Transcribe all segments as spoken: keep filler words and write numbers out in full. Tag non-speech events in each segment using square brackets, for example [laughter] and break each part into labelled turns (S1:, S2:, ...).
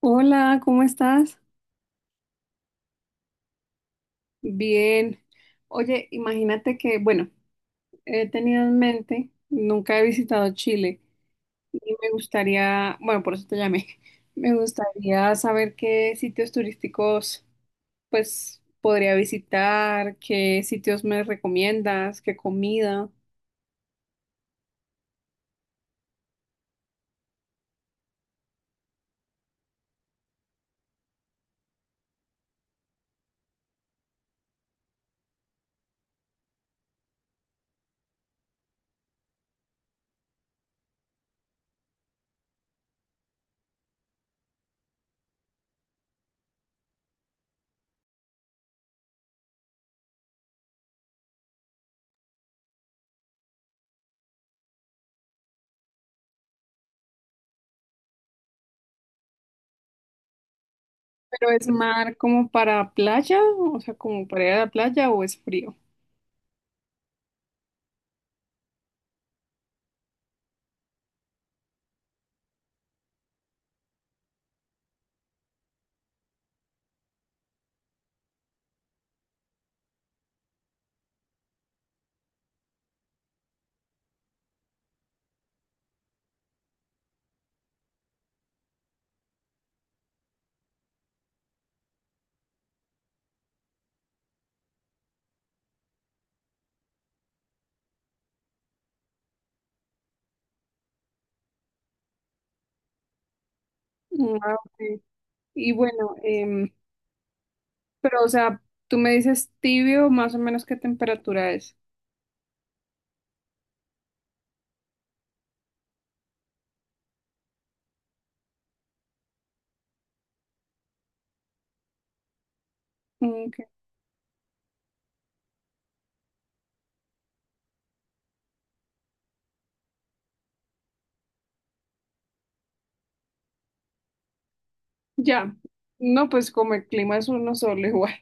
S1: Hola, ¿cómo estás? Bien. Oye, imagínate que, bueno, he tenido en mente, nunca he visitado Chile y me gustaría, bueno, por eso te llamé. [laughs] Me gustaría saber qué sitios turísticos pues podría visitar, qué sitios me recomiendas, qué comida. Pero ¿es mar como para playa, o sea, como para ir a la playa o es frío? Mm, ah, ok. Y bueno, em, pero, o sea, tú me dices tibio, más o menos ¿qué temperatura es? Mm, ok. Ya. No, pues como el clima es uno solo [laughs] igual.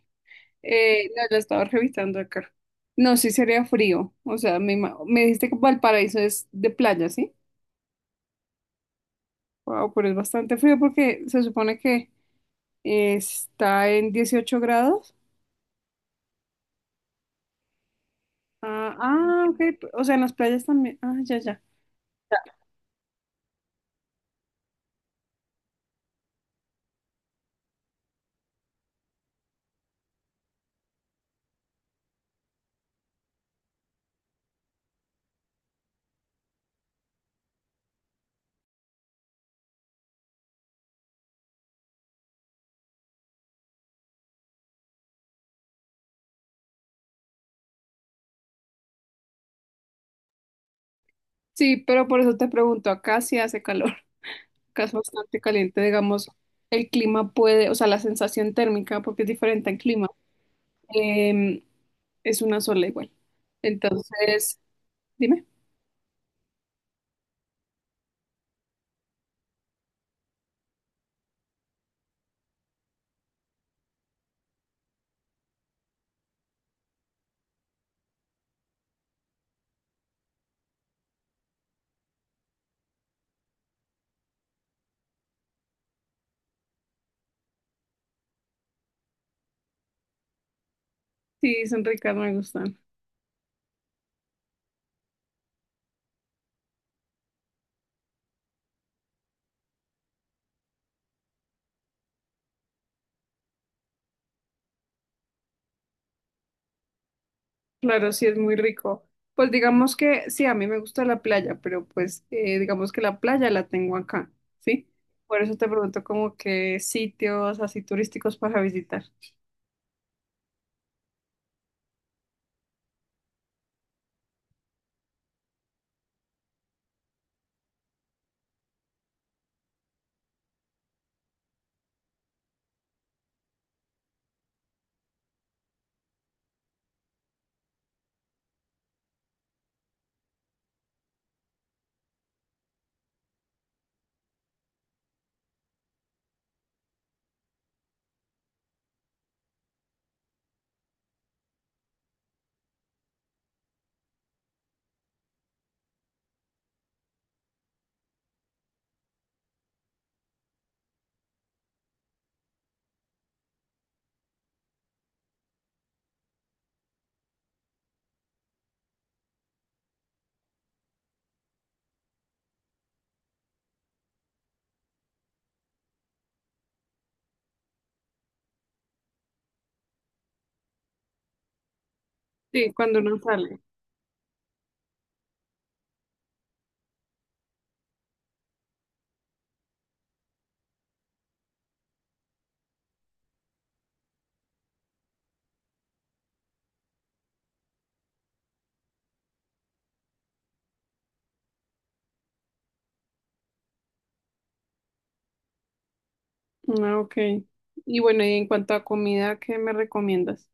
S1: Eh, no, lo estaba revisando acá. No, sí sería frío. O sea, me, ima- me dijiste que Valparaíso es de playa, ¿sí? Wow, pero es bastante frío porque se supone que eh, está en dieciocho grados. Ah, ah, ok. O sea, en las playas también. Ah, ya, ya. Sí, pero por eso te pregunto, acá sí hace calor, que es bastante caliente, digamos, el clima puede, o sea, la sensación térmica, porque es diferente al clima, em, es una sola igual. Entonces, dime, sí, son ricas, me gustan. Claro, sí, es muy rico. Pues digamos que sí, a mí me gusta la playa, pero pues eh, digamos que la playa la tengo acá, ¿sí? Por eso te pregunto como qué sitios así turísticos para visitar. Sí, cuando uno sale. Ah, ok. Y bueno, y en cuanto a comida, ¿qué me recomiendas?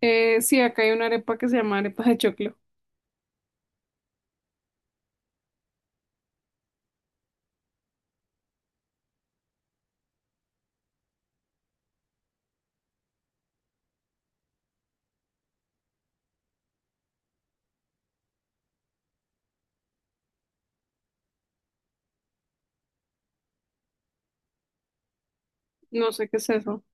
S1: Eh, sí, acá hay una arepa que se llama arepa de choclo. No sé qué es eso.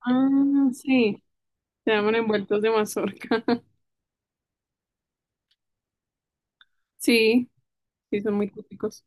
S1: Ah, sí, se llaman envueltos de mazorca. [laughs] Sí, sí, son muy típicos.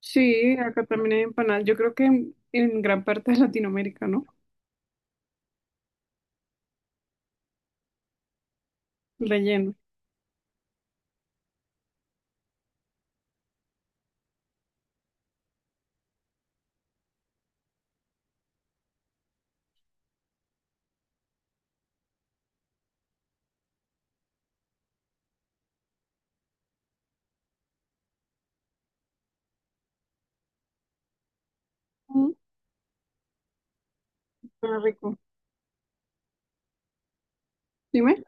S1: Sí, acá también hay empanadas. Yo creo que en, en gran parte de Latinoamérica, ¿no? Relleno. Mm, suena rico. Dime.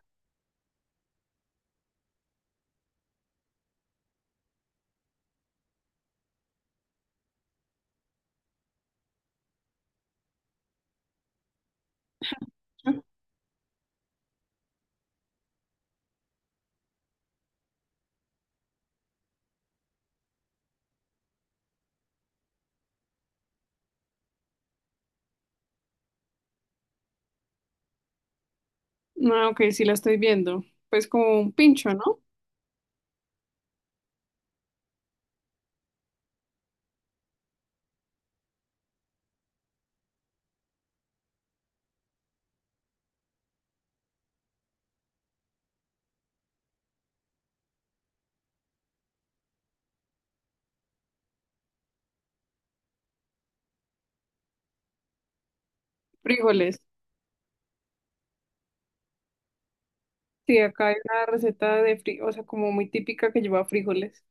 S1: Ah, ok, sí la estoy viendo. Pues como un pincho, ¿no? Frijoles. Sí, acá hay una receta de fri o sea, como muy típica que lleva frijoles.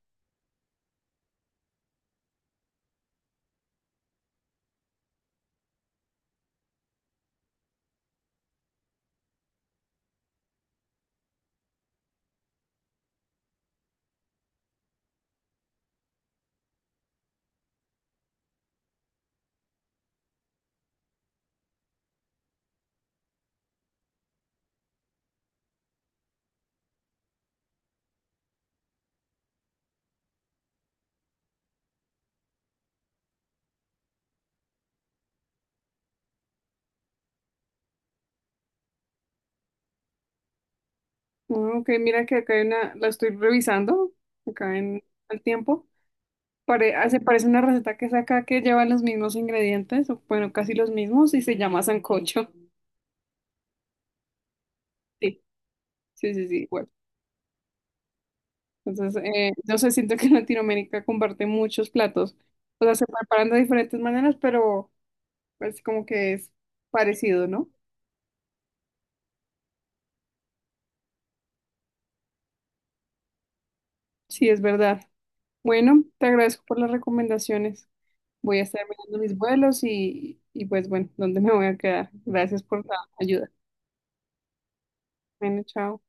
S1: Ah, ok, mira que acá hay una, la estoy revisando, acá en el tiempo. Pare, ah, se parece una receta que saca que lleva los mismos ingredientes, o bueno, casi los mismos, y se llama sancocho. [laughs] Sí, sí, sí, sí, igual. Entonces, eh, yo sé, siento que en Latinoamérica comparte muchos platos. O sea, se preparan de diferentes maneras, pero es como que es parecido, ¿no? Sí, es verdad. Bueno, te agradezco por las recomendaciones. Voy a estar mirando mis vuelos y, y pues bueno, ¿dónde me voy a quedar? Gracias por la ayuda. Bueno, chao.